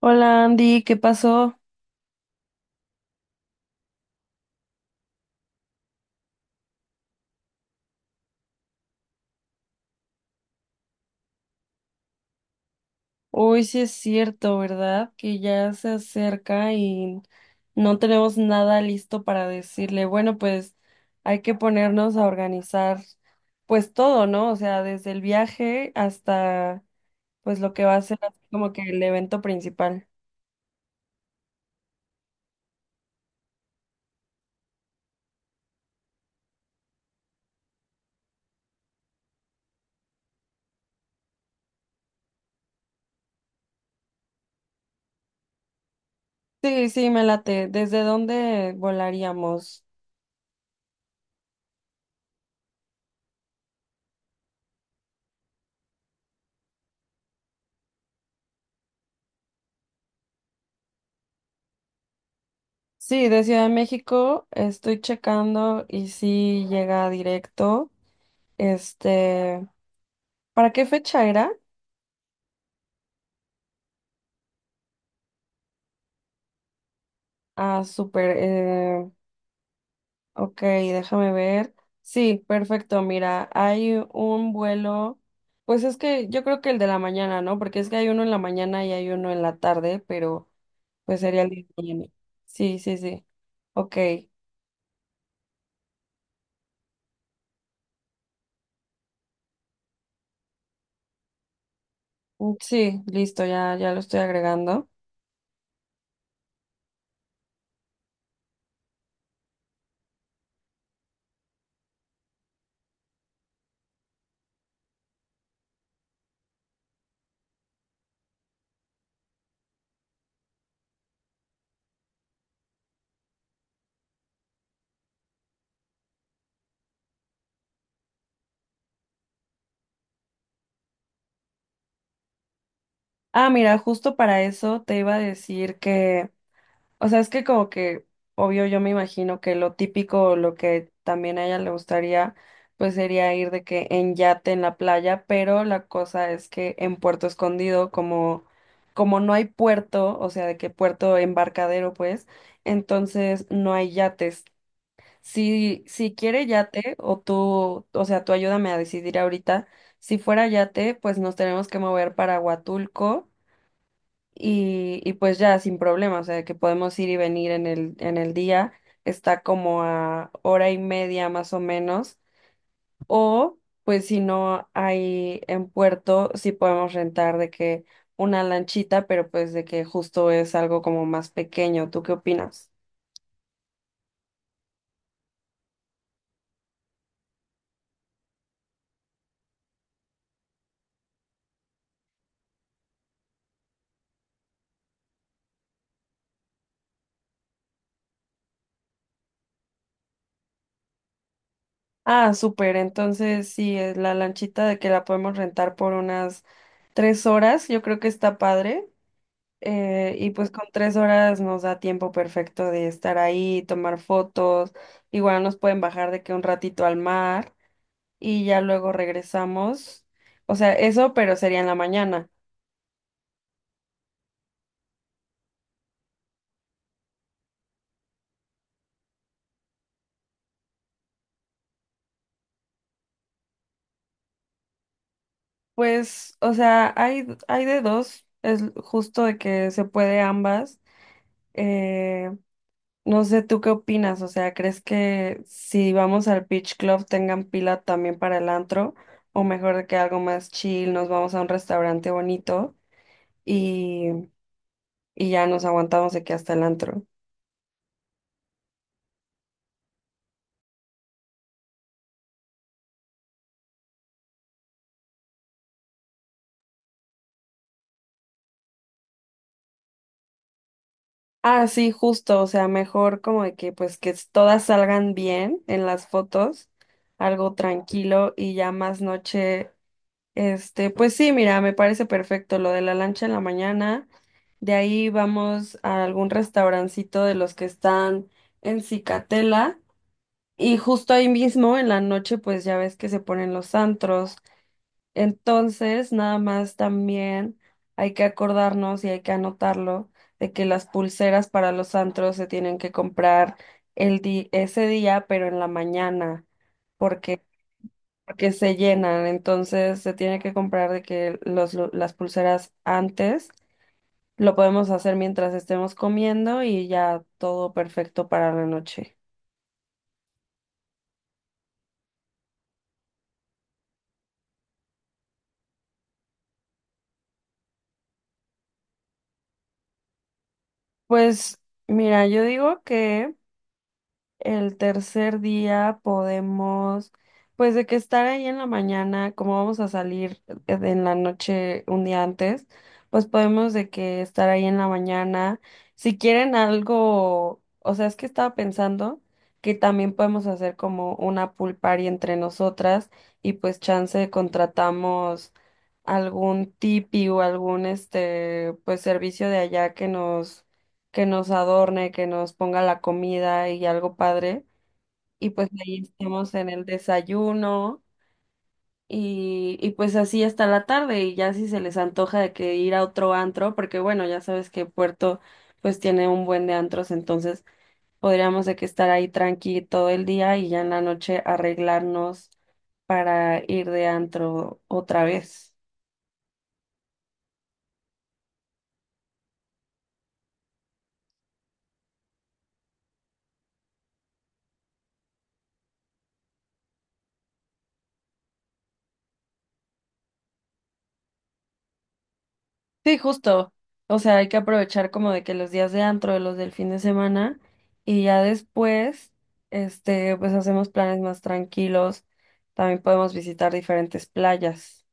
Hola Andy, ¿qué pasó? Hoy sí es cierto, ¿verdad? Que ya se acerca y no tenemos nada listo para decirle. Bueno, pues hay que ponernos a organizar pues todo, ¿no? O sea, desde el viaje hasta pues lo que va a ser así como que el evento principal. Sí, sí, me late. ¿Desde dónde volaríamos? Sí, de Ciudad de México estoy checando y sí llega directo. Este, ¿para qué fecha era? Ah, súper. Ok, déjame ver. Sí, perfecto. Mira, hay un vuelo. Pues es que yo creo que el de la mañana, ¿no? Porque es que hay uno en la mañana y hay uno en la tarde, pero pues sería el de la mañana. Sí, sí, sí. Ok. Sí, listo, ya, ya lo estoy agregando. Ah, mira, justo para eso te iba a decir que o sea, es que como que, obvio, yo me imagino que lo típico, o lo que también a ella le gustaría, pues sería ir de que en yate en la playa, pero la cosa es que en Puerto Escondido, como, como no hay puerto, o sea, de que puerto embarcadero, pues, entonces no hay yates. Si, si quiere yate, o tú, o sea, tú ayúdame a decidir ahorita, si fuera yate, pues nos tenemos que mover para Huatulco y pues ya sin problema, o sea, que podemos ir y venir en el día, está como a hora y media más o menos, o pues si no hay en puerto, sí podemos rentar de que una lanchita, pero pues de que justo es algo como más pequeño, ¿tú qué opinas? Ah, súper, entonces sí, es la lanchita de que la podemos rentar por unas tres horas, yo creo que está padre. Y pues con tres horas nos da tiempo perfecto de estar ahí, tomar fotos. Igual nos pueden bajar de que un ratito al mar y ya luego regresamos. O sea, eso, pero sería en la mañana. Pues, o sea, hay de dos. Es justo de que se puede ambas. Eh, no sé, ¿tú qué opinas? O sea, ¿crees que si vamos al Beach Club tengan pila también para el antro? O mejor de que algo más chill, nos vamos a un restaurante bonito. Y ya nos aguantamos de que hasta el antro. Ah, sí, justo, o sea, mejor como de que pues que todas salgan bien en las fotos, algo tranquilo y ya más noche, este, pues sí, mira, me parece perfecto lo de la lancha en la mañana, de ahí vamos a algún restaurancito de los que están en Cicatela y justo ahí mismo en la noche pues ya ves que se ponen los antros. Entonces, nada más también hay que acordarnos y hay que anotarlo de que las pulseras para los antros se tienen que comprar ese día, pero en la mañana, porque, porque se llenan. Entonces, se tiene que comprar de que los, las pulseras antes lo podemos hacer mientras estemos comiendo y ya todo perfecto para la noche. Pues mira, yo digo que el tercer día podemos, pues de que estar ahí en la mañana, como vamos a salir en la noche un día antes, pues podemos de que estar ahí en la mañana. Si quieren algo, o sea, es que estaba pensando que también podemos hacer como una pool party entre nosotras y pues chance contratamos algún tipi o algún este, pues servicio de allá que nos adorne, que nos ponga la comida y algo padre. Y pues ahí estamos en el desayuno y pues así hasta la tarde y ya si se les antoja de que ir a otro antro, porque bueno, ya sabes que Puerto pues tiene un buen de antros, entonces podríamos de que estar ahí tranqui todo el día y ya en la noche arreglarnos para ir de antro otra vez. Sí, justo. O sea, hay que aprovechar como de que los días de antro, los del fin de semana, y ya después, este, pues hacemos planes más tranquilos. También podemos visitar diferentes playas.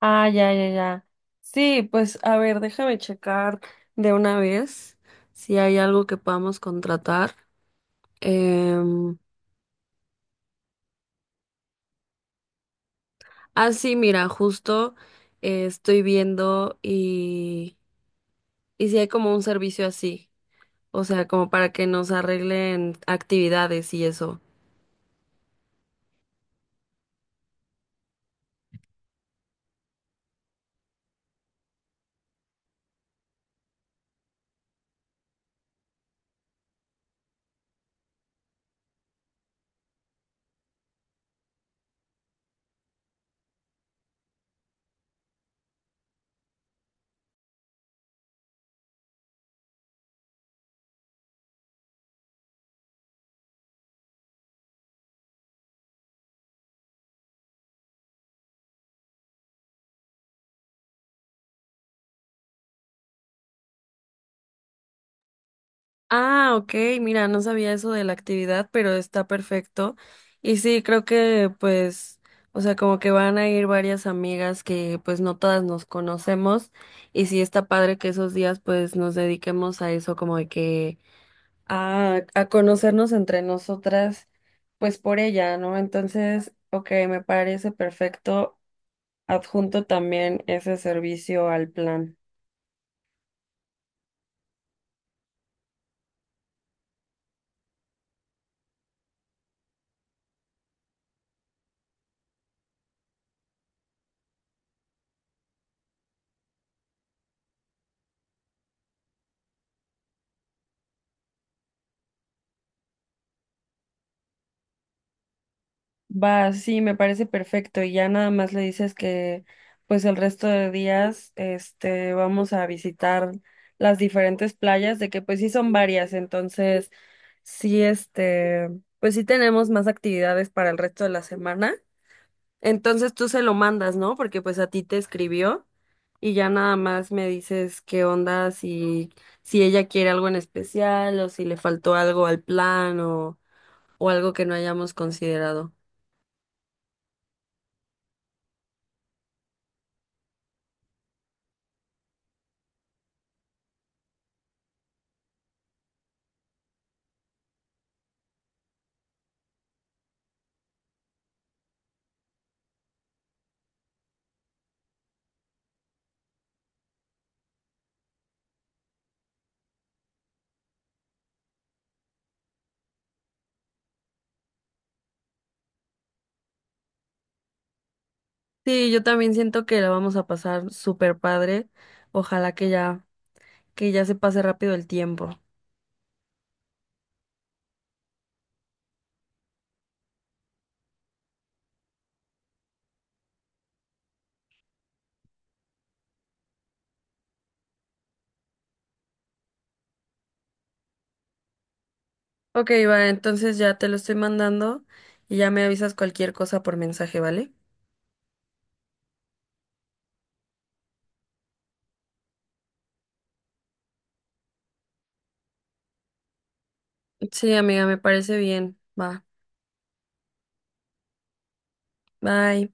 Ah, ya, ya, ya. Sí, pues a ver, déjame checar de una vez si hay algo que podamos contratar. Em, ah, sí, mira, justo estoy viendo y si hay como un servicio así. O sea, como para que nos arreglen actividades y eso. Ah, ok, mira, no sabía eso de la actividad, pero está perfecto. Y sí, creo que pues, o sea, como que van a ir varias amigas que pues no todas nos conocemos. Y sí, está padre que esos días pues nos dediquemos a eso, como de que a conocernos entre nosotras, pues por ella, ¿no? Entonces, ok, me parece perfecto. Adjunto también ese servicio al plan. Va, sí, me parece perfecto. Y ya nada más le dices que, pues el resto de días, este, vamos a visitar las diferentes playas, de que pues sí son varias, entonces sí, este, pues sí tenemos más actividades para el resto de la semana. Entonces tú se lo mandas, ¿no? Porque pues a ti te escribió y ya nada más me dices qué onda, si, si ella quiere algo en especial o si le faltó algo al plan o algo que no hayamos considerado. Sí, yo también siento que la vamos a pasar súper padre. Ojalá que ya se pase rápido el tiempo. Ok, va, entonces ya te lo estoy mandando y ya me avisas cualquier cosa por mensaje, ¿vale? Sí, amiga, me parece bien. Va, bye.